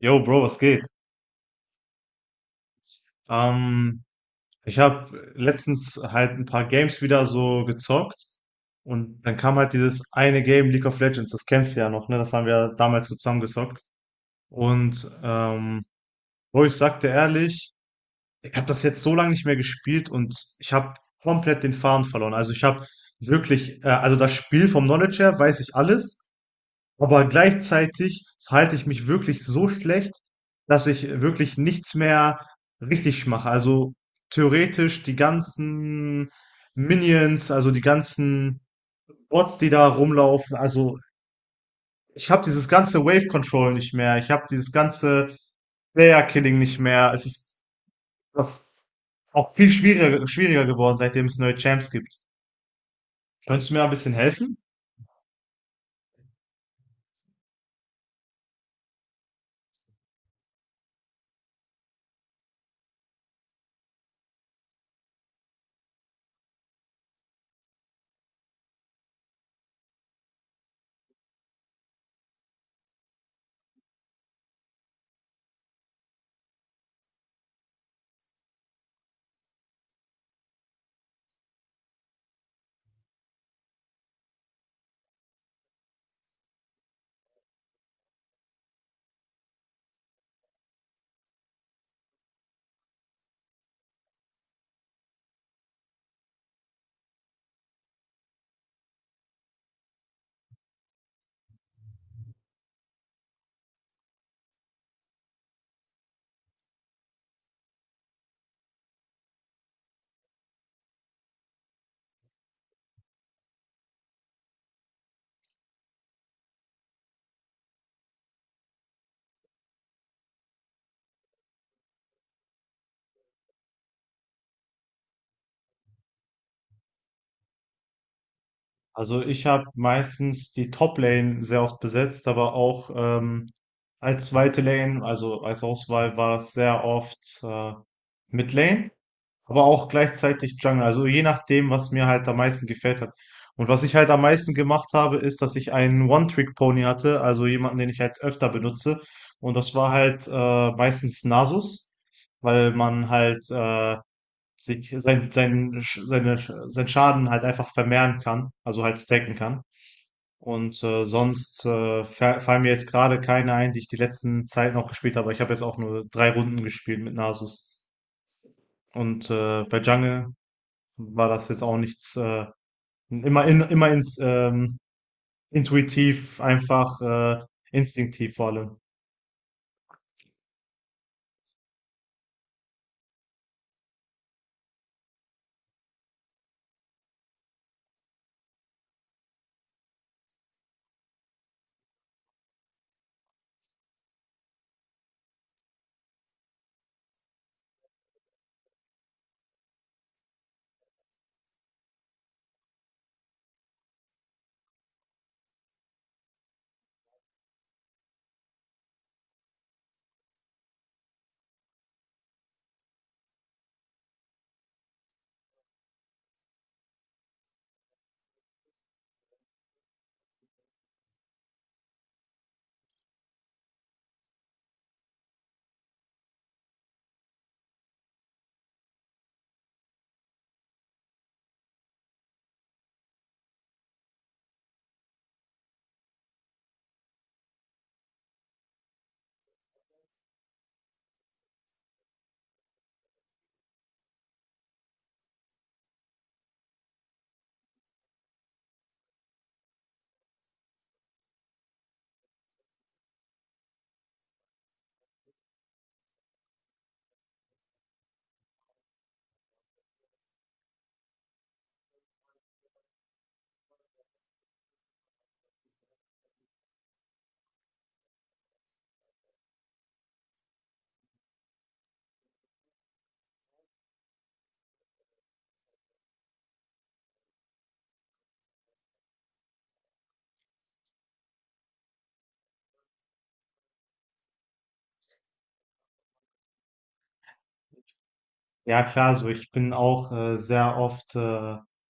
Yo, Bro, was geht? Ähm, Ich habe letztens halt ein paar Games wieder so gezockt und dann kam halt dieses eine Game League of Legends, das kennst du ja noch, ne? Das haben wir ja damals so zusammen gezockt. Und ähm, Bro, ich sagte ehrlich, ich habe das jetzt so lange nicht mehr gespielt und ich habe komplett den Faden verloren. Also ich habe also das Spiel vom Knowledge her weiß ich alles, aber gleichzeitig verhalte ich mich wirklich so schlecht, dass ich wirklich nichts mehr richtig mache. Also theoretisch die ganzen Minions, also die ganzen Bots, die da rumlaufen. Also ich habe dieses ganze Wave Control nicht mehr. Ich habe dieses ganze Player Killing nicht mehr. Es ist was auch viel schwieriger, geworden, seitdem es neue Champs gibt. Könntest du mir ein bisschen helfen? Also ich habe meistens die Top-Lane sehr oft besetzt, aber auch als zweite Lane, also als Auswahl war es sehr oft Mid-Lane, aber auch gleichzeitig Jungle. Also je nachdem, was mir halt am meisten gefällt hat. Und was ich halt am meisten gemacht habe, ist, dass ich einen One-Trick-Pony hatte, also jemanden, den ich halt öfter benutze. Und das war halt meistens Nasus, weil man halt sich sein, sein, seine, sein Schaden halt einfach vermehren kann, also halt stacken kann. Fallen mir jetzt gerade keine ein, die ich die letzten Zeiten auch gespielt habe. Ich habe jetzt auch nur drei Runden gespielt mit Nasus. Bei Jungle war das jetzt auch nichts, immer, in, immer ins, intuitiv, einfach instinktiv vor allem. Ja, klar, so ich bin auch sehr oft,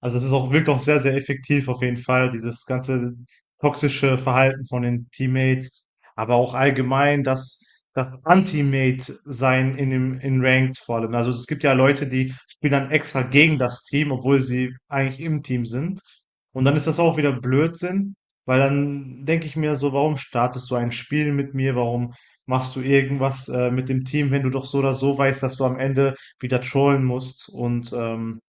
also es ist auch, wirkt auch sehr, sehr effektiv auf jeden Fall, dieses ganze toxische Verhalten von den Teammates, aber auch allgemein das Anti-Mate-Sein in in Ranked vor allem. Also es gibt ja Leute, die spielen dann extra gegen das Team, obwohl sie eigentlich im Team sind. Und dann ist das auch wieder Blödsinn, weil dann denke ich mir so, warum startest du ein Spiel mit mir? Warum machst du irgendwas mit dem Team, wenn du doch so oder so weißt, dass du am Ende wieder trollen musst.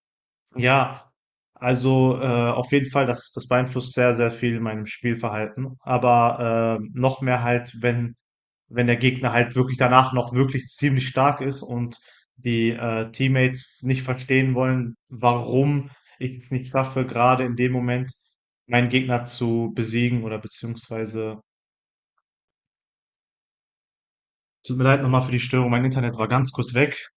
Ja, also auf jeden Fall, das beeinflusst sehr, sehr viel in meinem Spielverhalten. Aber noch mehr halt, wenn der Gegner halt wirklich danach noch wirklich ziemlich stark ist und die Teammates nicht verstehen wollen, warum ich es nicht schaffe, gerade in dem Moment meinen Gegner zu besiegen oder beziehungsweise, tut mir leid nochmal für die Störung, mein Internet war ganz kurz weg.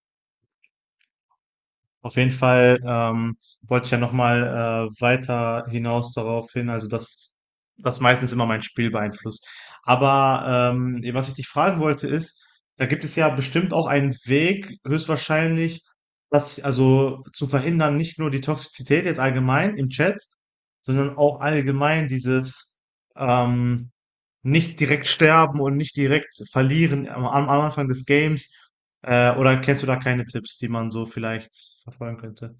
Auf jeden Fall, wollte ich ja nochmal weiter hinaus darauf hin, also dass das meistens immer mein Spiel beeinflusst. Aber was ich dich fragen wollte ist, da gibt es ja bestimmt auch einen Weg, höchstwahrscheinlich, das also zu verhindern, nicht nur die Toxizität jetzt allgemein im Chat, sondern auch allgemein dieses ähm, nicht direkt sterben und nicht direkt verlieren am Anfang des Games, oder kennst du da keine Tipps, die man so vielleicht verfolgen könnte?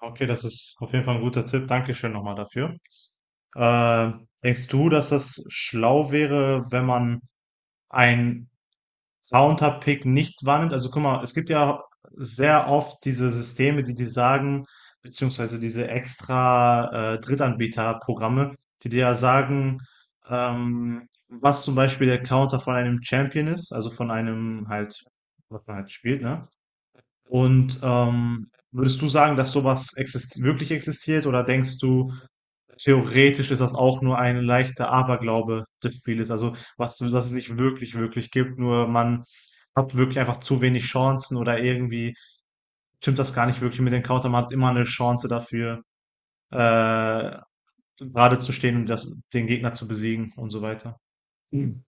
Okay, das ist auf jeden Fall ein guter Tipp. Dankeschön nochmal dafür. Äh, Denkst du, dass das schlau wäre, wenn man einen Counterpick nicht wahrnimmt? Also guck mal, es gibt ja sehr oft diese Systeme, die dir sagen, beziehungsweise diese extra Drittanbieterprogramme, die dir ja sagen, was zum Beispiel der Counter von einem Champion ist, also von einem halt, was man halt spielt, ne? Und würdest du sagen, dass sowas exist wirklich existiert oder denkst du, theoretisch ist das auch nur ein leichter Aberglaube des Spieles? Also, was, dass es nicht wirklich, wirklich gibt, nur man hat wirklich einfach zu wenig Chancen oder irgendwie stimmt das gar nicht wirklich mit den Counter. Man hat immer eine Chance dafür, äh, gerade zu stehen und das, den Gegner zu besiegen und so weiter. Mhm.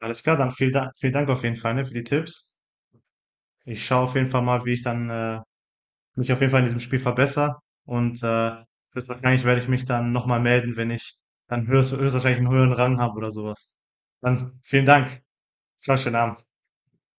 Alles klar, dann vielen Dank auf jeden Fall, ne, für die Tipps. Ich schaue auf jeden Fall mal, wie ich dann mich auf jeden Fall in diesem Spiel verbessere. Und äh, Höchstwahrscheinlich werde ich mich dann nochmal melden, wenn ich dann höchstwahrscheinlich einen höheren Rang habe oder sowas. Dann vielen Dank. Ciao, schönen Abend.